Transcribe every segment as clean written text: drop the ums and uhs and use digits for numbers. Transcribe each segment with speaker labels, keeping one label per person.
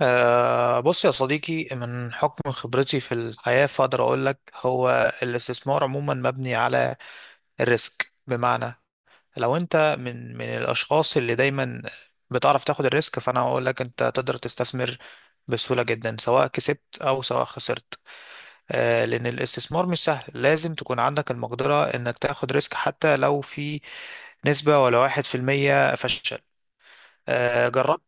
Speaker 1: أه، بص يا صديقي، من حكم خبرتي في الحياة فأقدر أقول لك هو الاستثمار عموما مبني على الريسك. بمعنى لو أنت من الأشخاص اللي دايما بتعرف تاخد الريسك، فأنا أقول لك أنت تقدر تستثمر بسهولة جدا، سواء كسبت أو سواء خسرت. لأن الاستثمار مش سهل، لازم تكون عندك المقدرة إنك تاخد ريسك حتى لو في نسبة ولا واحد في المية فشل. أه، جربت.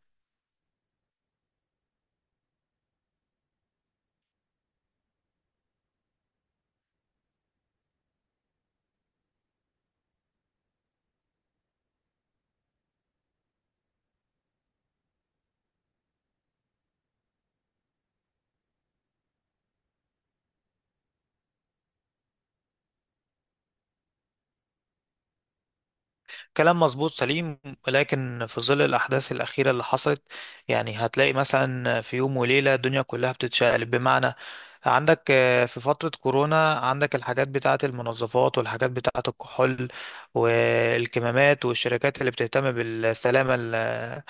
Speaker 1: كلام مظبوط سليم، لكن في ظل الأحداث الأخيرة اللي حصلت، يعني هتلاقي مثلا في يوم وليلة الدنيا كلها بتتشقلب. بمعنى، عندك في فترة كورونا عندك الحاجات بتاعة المنظفات، والحاجات بتاعة الكحول والكمامات، والشركات اللي بتهتم بالسلامة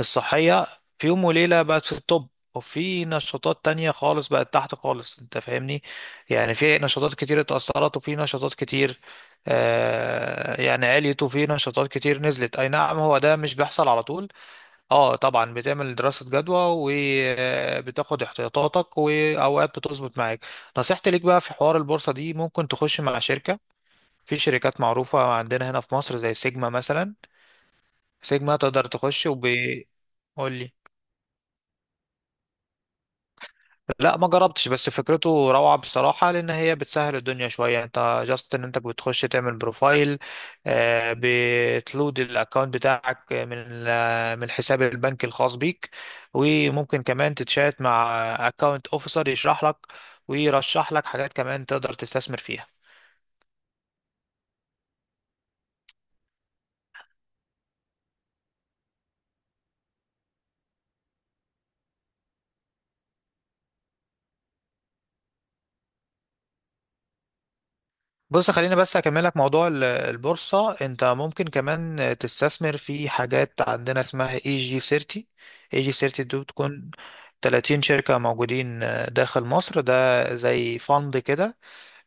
Speaker 1: الصحية، في يوم وليلة بقت في الطب. وفي نشاطات تانية خالص بقت تحت خالص، انت فاهمني، يعني في نشاطات كتير اتأثرت، وفي نشاطات كتير يعني عليت، وفي نشاطات كتير نزلت. اي نعم، هو ده مش بيحصل على طول. اه طبعا بتعمل دراسة جدوى وبتاخد احتياطاتك، واوقات بتظبط معاك. نصيحتي ليك بقى في حوار البورصة دي، ممكن تخش مع شركة، في شركات معروفة عندنا هنا في مصر زي سيجما مثلا. سيجما تقدر تخش قول لي. لا، ما جربتش، بس فكرته روعة بصراحة، لأن هي بتسهل الدنيا شوية. أنت جاست إن أنت بتخش تعمل بروفايل، بتلود الأكونت بتاعك من من الحساب البنكي الخاص بيك، وممكن كمان تتشات مع أكونت أوفيسر يشرح لك ويرشح لك حاجات كمان تقدر تستثمر فيها. بص خليني بس اكملك موضوع البورصة. انت ممكن كمان تستثمر في حاجات عندنا اسمها اي جي 30. اي جي 30 دي بتكون 30 شركة موجودين داخل مصر ده. زي فند كده.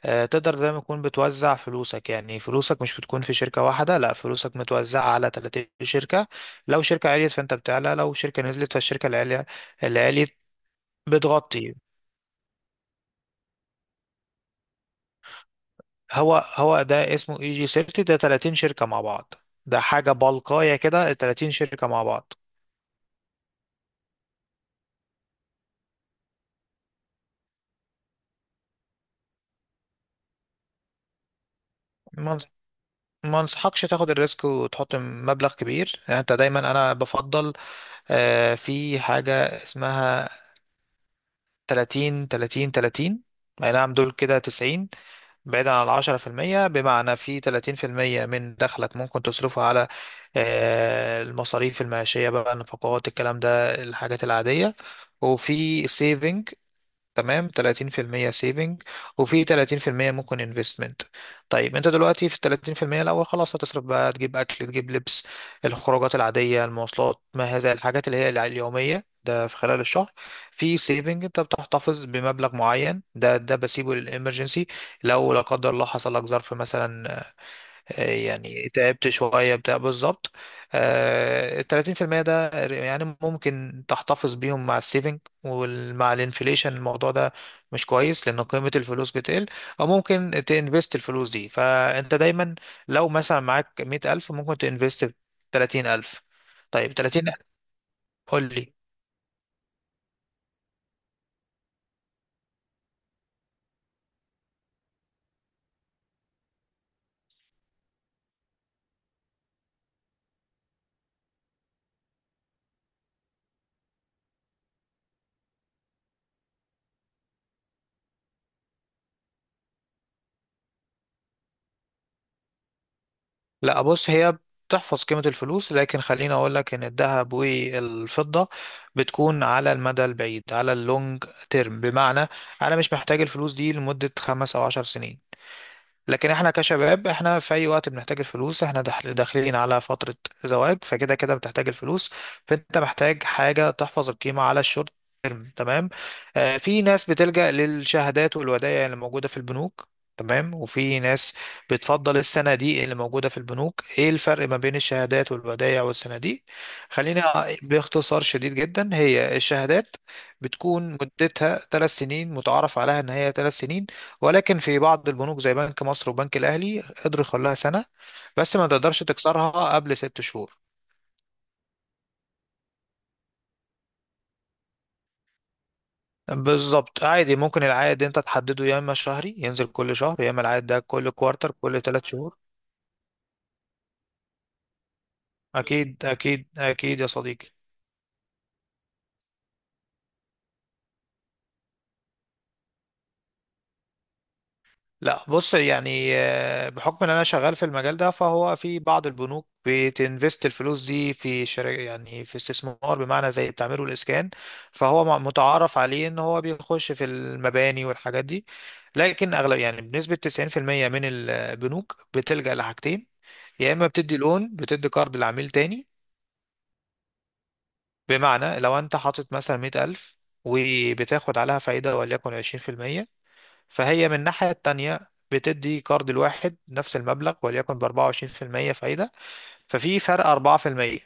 Speaker 1: تقدر زي ما تكون بتوزع فلوسك، يعني فلوسك مش بتكون في شركة واحدة، لا، فلوسك متوزعة على 30 شركة. لو شركة عليت فانت بتعلى، لو شركة نزلت فالشركة اللي عليت، اللي عليت بتغطي. هو ده اسمه اي جي سيفتي، ده 30 شركة مع بعض، ده حاجة بلقاية كده، 30 شركة مع بعض. ما انص- ما انصحكش تاخد الريسك وتحط مبلغ كبير. يعني انت دايما، انا بفضل في حاجة اسمها 30، 30، 30. اي نعم، دول كده 90، بعيدا عن العشرة في المية. بمعنى في 30% من دخلك ممكن تصرفه على المصاريف المعيشية بقى، النفقات، الكلام ده، الحاجات العادية. وفي saving، تمام، 30% سيفنج، وفي 30% ممكن انفستمنت. طيب انت دلوقتي في ال 30% الاول، خلاص هتصرف بقى، تجيب اكل، تجيب لبس، الخروجات العاديه، المواصلات، ما هذا الحاجات اللي هي اليوميه ده، في خلال الشهر. في سيفنج، انت بتحتفظ بمبلغ معين، ده بسيبه للامرجنسي، لو لا قدر الله حصل لك ظرف مثلا، يعني تعبت شوية بتاع، بالظبط. التلاتين في المية ده يعني ممكن تحتفظ بيهم مع السيفنج. ومع الانفليشن الموضوع ده مش كويس، لأن قيمة الفلوس بتقل. أو ممكن تنفست الفلوس دي، فأنت دايما لو مثلا معاك 100,000، ممكن تنفست 30,000. طيب 30. قول. لا بص، هي بتحفظ قيمة الفلوس، لكن خليني أقول لك إن الذهب والفضة بتكون على المدى البعيد، على اللونج تيرم. بمعنى أنا مش محتاج الفلوس دي لمدة خمس أو عشر سنين. لكن احنا كشباب احنا في اي وقت بنحتاج الفلوس، احنا داخلين على فترة زواج، فكده كده بتحتاج الفلوس. فانت محتاج حاجة تحفظ القيمة على الشورت تيرم. تمام. آه، في ناس بتلجأ للشهادات والودائع اللي موجودة في البنوك. تمام. وفي ناس بتفضل الصناديق اللي موجودة في البنوك. ايه الفرق ما بين الشهادات والودائع والصناديق؟ خلينا باختصار شديد جدا. هي الشهادات بتكون مدتها ثلاث سنين، متعارف عليها ان هي ثلاث سنين، ولكن في بعض البنوك زي بنك مصر وبنك الأهلي قدروا يخلوها سنة، بس ما تقدرش تكسرها قبل ست شهور. بالظبط. عادي، ممكن العائد انت تحدده، يا اما شهري ينزل كل شهر، يا اما العائد ده كل كوارتر، كل ثلاث شهور. اكيد اكيد اكيد يا صديقي. لا بص، يعني بحكم ان انا شغال في المجال ده، فهو في بعض البنوك بتنفست الفلوس دي في شركة، يعني في استثمار، بمعنى زي التعمير والاسكان. فهو متعارف عليه ان هو بيخش في المباني والحاجات دي. لكن اغلب، يعني بنسبة 90% من البنوك، بتلجأ لحاجتين، يا اما بتدي لون، بتدي قرض لعميل تاني. بمعنى لو انت حاطط مثلا 100,000 وبتاخد عليها فايدة وليكن 20%، فهي من الناحية التانية بتدي كارد الواحد نفس المبلغ وليكن ب 24% فايدة. ففي فرق 4%.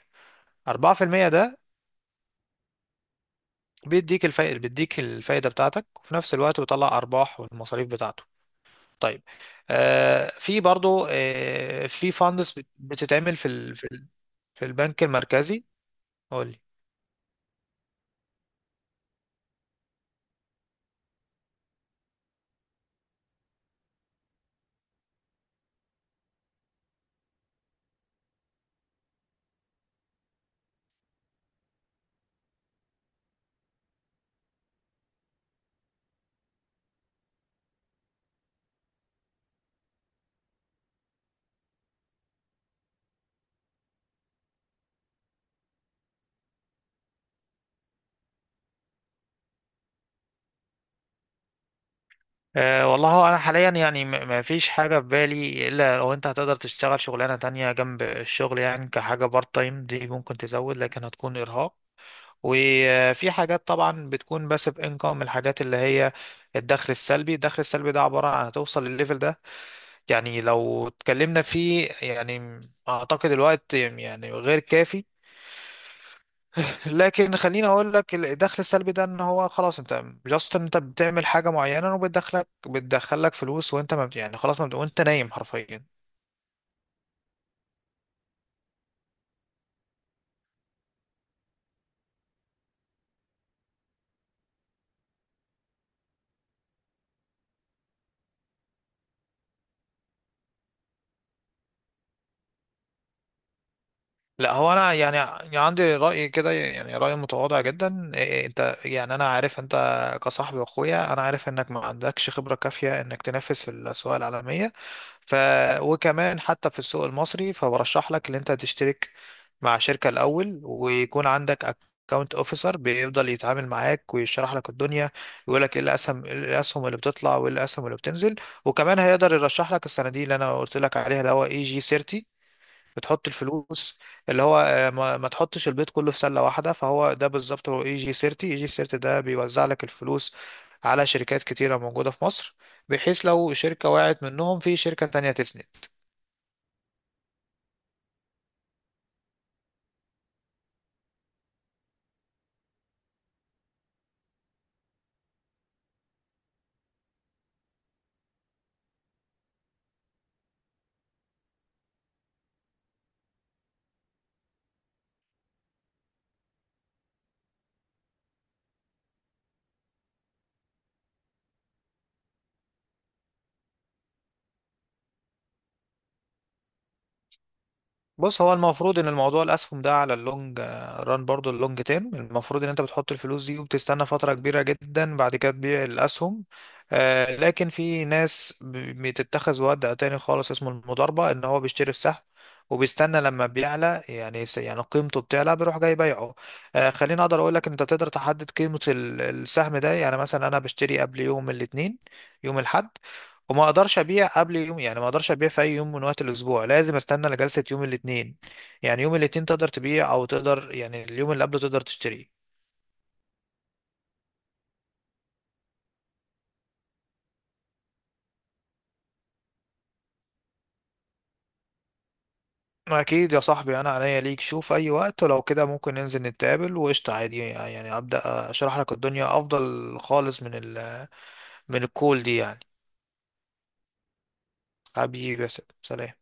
Speaker 1: 4% ده بيديك الفائدة، بيديك الفائدة بتاعتك، وفي نفس الوقت بيطلع أرباح والمصاريف بتاعته. طيب، آه، في برضو، آه، في فاندس بتتعمل في في البنك المركزي. قولي. أه والله، هو انا حاليا يعني ما فيش حاجه في بالي الا لو انت هتقدر تشتغل شغلانه تانية جنب الشغل، يعني كحاجه بارت تايم، دي ممكن تزود لكن هتكون ارهاق. وفي حاجات طبعا بتكون باسيف انكم، الحاجات اللي هي الدخل السلبي. الدخل السلبي ده عبارة عن، هتوصل للليفل ده يعني، لو اتكلمنا فيه يعني، اعتقد الوقت يعني غير كافي. لكن خليني اقول لك الدخل السلبي ده ان هو خلاص، انت جاست انت بتعمل حاجة معينة وبتدخلك فلوس وانت ما بت- يعني خلاص، ما بت- وانت نايم حرفيا. لا هو انا يعني، يعني عندي راي كده، يعني راي متواضع جدا. إيه، انت يعني، انا عارف انت كصاحبي واخويا، انا عارف انك ما عندكش خبره كافيه انك تنافس في الاسواق العالميه. ف وكمان حتى في السوق المصري، فبرشح لك ان انت تشترك مع شركه الاول، ويكون عندك اكونت اوفيسر بيفضل يتعامل معاك ويشرح لك الدنيا، يقول لك ايه الاسهم، إيه الاسهم اللي بتطلع وايه الاسهم اللي بتنزل. وكمان هيقدر يرشح لك الصناديق اللي انا قلت لك عليها، اللي هو اي جي 30، بتحط الفلوس اللي هو، ما تحطش البيض كله في سلة واحدة. فهو ده بالظبط، هو اي جي 30، اي جي 30 ده بيوزع لك الفلوس على شركات كتيرة موجودة في مصر، بحيث لو شركة وقعت منهم في شركة تانية تسند. بص هو المفروض ان الموضوع الاسهم ده على اللونج ران، برضو اللونج تيرم، المفروض ان انت بتحط الفلوس دي وبتستنى فترة كبيرة جدا، بعد كده تبيع الاسهم. لكن في ناس بتتخذ وضع تاني خالص اسمه المضاربة، ان هو بيشتري السهم وبيستنى لما بيعلى، يعني يعني قيمته بتعلى بيروح جاي بيعه. خليني اقدر اقول لك انت تقدر تحدد قيمة السهم ده. يعني مثلا انا بشتري قبل يوم الاثنين، يوم الاحد، وما اقدرش ابيع قبل يوم، يعني ما اقدرش ابيع في اي يوم من وقت الاسبوع، لازم استنى لجلسة يوم الاثنين. يعني يوم الاثنين تقدر تبيع، او تقدر يعني اليوم اللي قبله تقدر تشتري. اكيد يا صاحبي، انا عينيا ليك، شوف اي وقت ولو كده ممكن ننزل نتقابل وقشطة، عادي يعني، ابدا. اشرح لك الدنيا افضل خالص من ال من الكول دي يعني. حبيبي، بس سلام.